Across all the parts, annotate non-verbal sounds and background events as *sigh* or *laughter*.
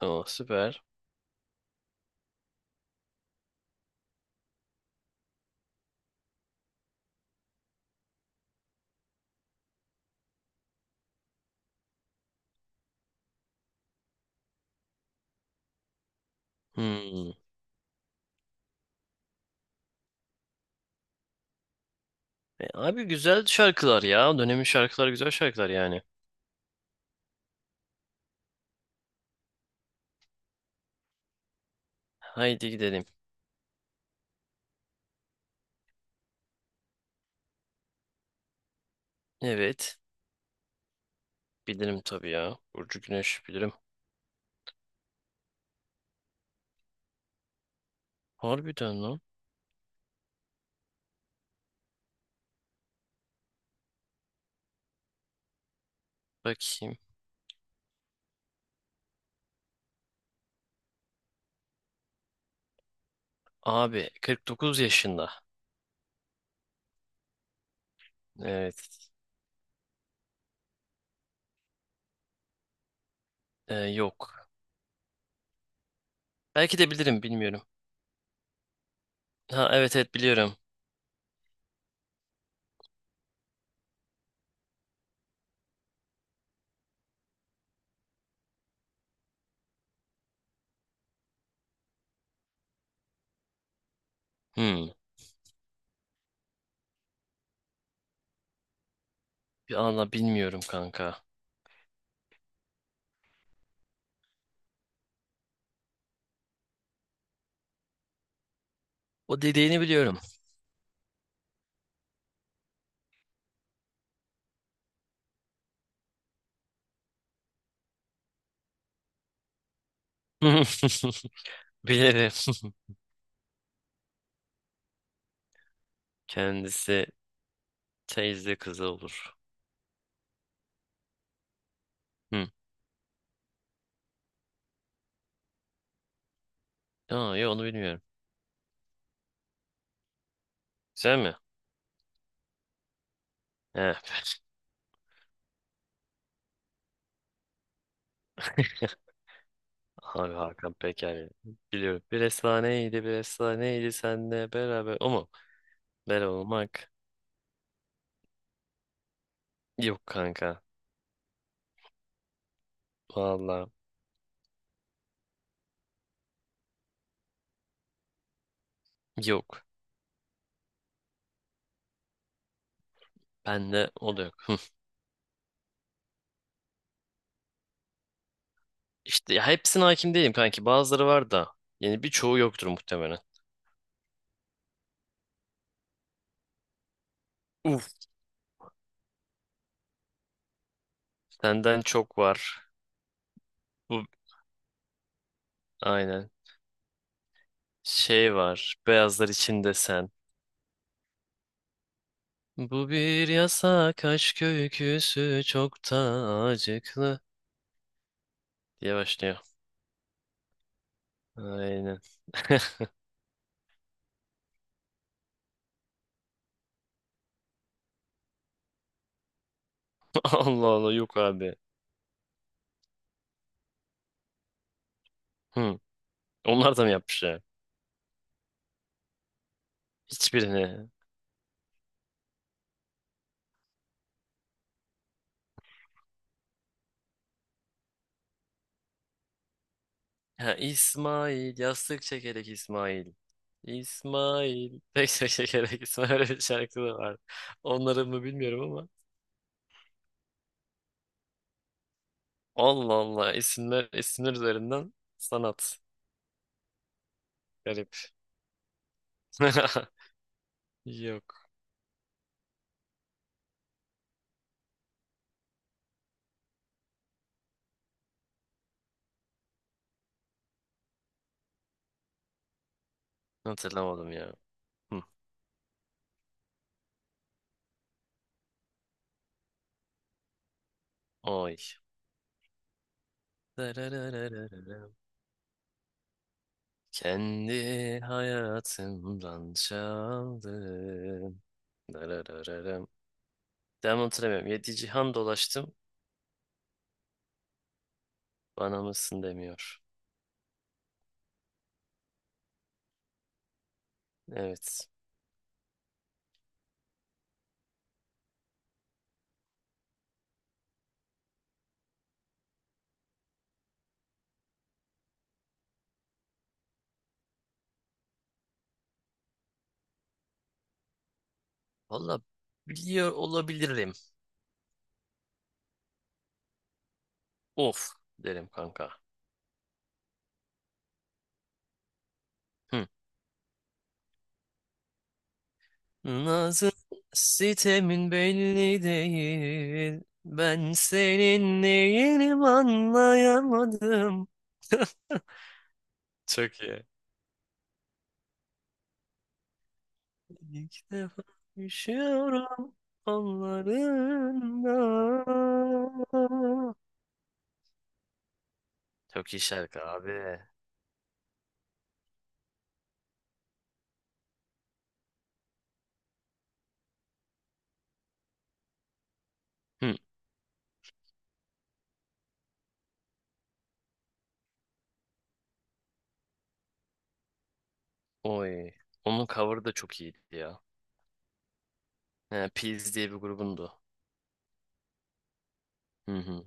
Oo, süper. Hmm. Abi güzel şarkılar ya. Dönemin şarkılar güzel şarkılar yani. Haydi gidelim. Evet. Bilirim tabii ya. Burcu Güneş bilirim. Harbiden lan. Bakayım. Abi 49 yaşında. Evet. Yok. Belki de bilirim bilmiyorum. Ha, evet evet biliyorum. Hmm. Bir anda bilmiyorum kanka. O dediğini biliyorum. *laughs* Bilirim. *laughs* Kendisi teyze kızı olur. Hmm. Aa, yok onu bilmiyorum. Güzel mi? Evet. Abi Hakan Peker. Biliyorum. Bir efsaneydi, bir efsaneydi senle beraber. O mu? Beraber olmak. Yok kanka. Valla yok. Bende o da yok. Hı. İşte ya hepsine hakim değilim kanki. Bazıları var da. Yani birçoğu yoktur muhtemelen. Uf. Senden çok var. Bu aynen. Şey var. Beyazlar içinde sen. Bu bir yasak aşk öyküsü çok da acıklı diye başlıyor. Aynen. *laughs* Allah Allah, yok abi. Hı. Onlar da mı yapmış ya? Hiçbirini. Ha, İsmail. Yastık çekerek İsmail. İsmail. *laughs* Pek çekerek İsmail. Öyle bir şarkı da var. Onları mı bilmiyorum ama. Allah Allah. İsimler, isimler üzerinden sanat. Garip. *laughs* Yok. Hatırlamadım ya. Hı. Oy. Dararararararam. Kendi hayatımdan çaldım. Dararararam. Devamını hatırlamıyorum. Yedi cihan dolaştım. Bana mısın demiyor. Evet. Valla biliyor olabilirim. Of derim kanka. Hı. Nazın sitemin belli değil. Ben senin neyinim anlayamadım. *laughs* Çok iyi. İlk defa düşüyorum onlarında. Çok iyi şarkı abi. Hı. Oy. Onun cover'ı da çok iyiydi ya. He, Peas diye bir grubundu. Hı hı.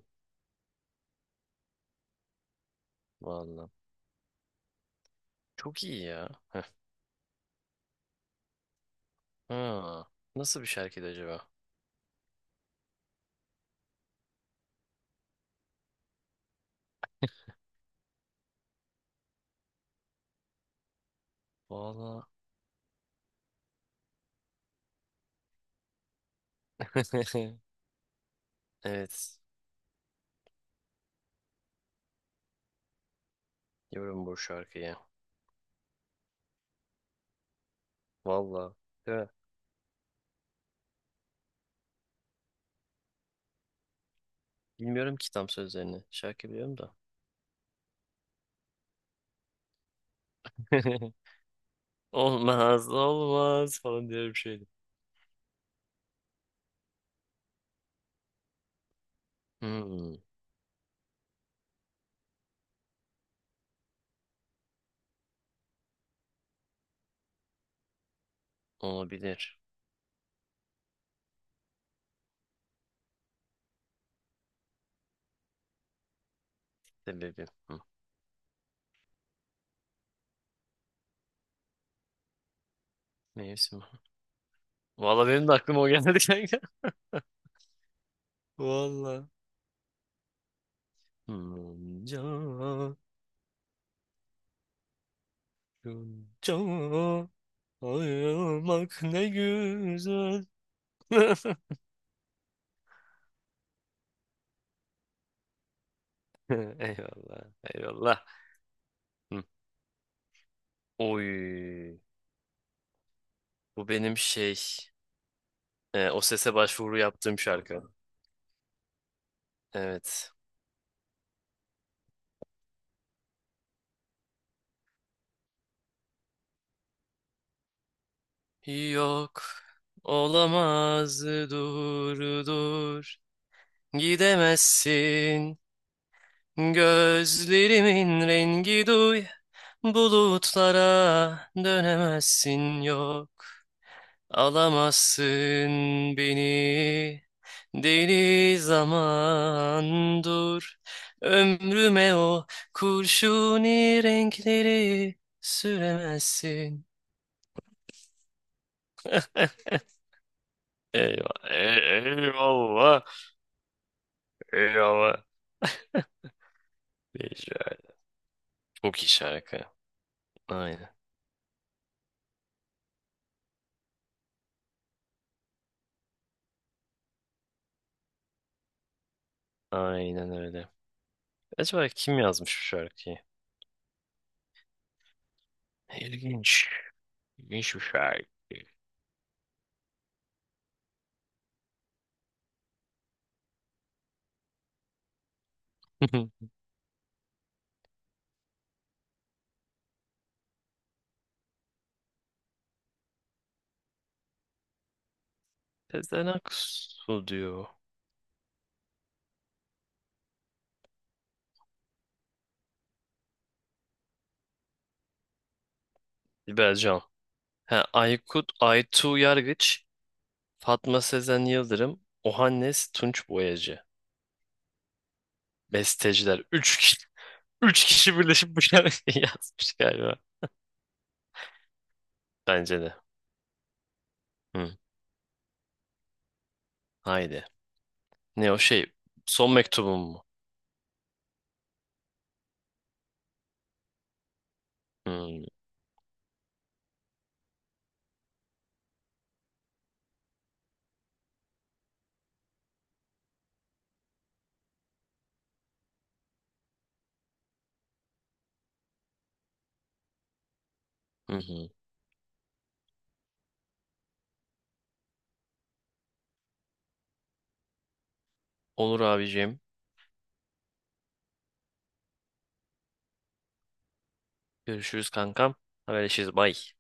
Vallahi. Çok iyi ya. Heh. Ha. Nasıl bir şarkıydı acaba? Vallahi. *laughs* Evet. Biliyorum bu şarkıyı. Vallahi. Değil mi? Bilmiyorum ki tam sözlerini. Şarkı biliyorum da. *laughs* Olmaz olmaz falan diye bir şeydi. Hmm, olabilir. Sebebi. Hı. Mevsim. Valla benim de aklıma o geldi kanka. *laughs* Vallahi. Hmm, can, can, ayrılmak ne güzel. *laughs* *laughs* Eyvallah. Eyvallah. Hı. Oy. Bu benim şey. O sese başvuru yaptığım şarkı. Evet. Yok. Olamaz, dur. Gidemezsin. Gözlerimin rengi duy. Bulutlara dönemezsin yok. Alamazsın beni deli zaman dur, ömrüme o kurşuni renkleri süremezsin. *laughs* Eyvah, eyvallah, eyvallah. Değişik. Çok iyi şarkı. Aynen, aynen öyle. Acaba kim yazmış bu şarkıyı? İlginç, ilginç bir şarkı. *laughs* Sezen Aksu diyor. Sibel Can. He, Aykut Aytu Yargıç, Fatma Sezen Yıldırım, Ohannes Tunç Boyacı. Besteciler. *laughs* Üç kişi birleşip bu şarkıyı *laughs* yazmış galiba. Bence de. Hı, haydi. Ne o şey? Son mektubum mu? Hı, hı. Olur abicim. Görüşürüz kankam. Haberleşiriz. Bay.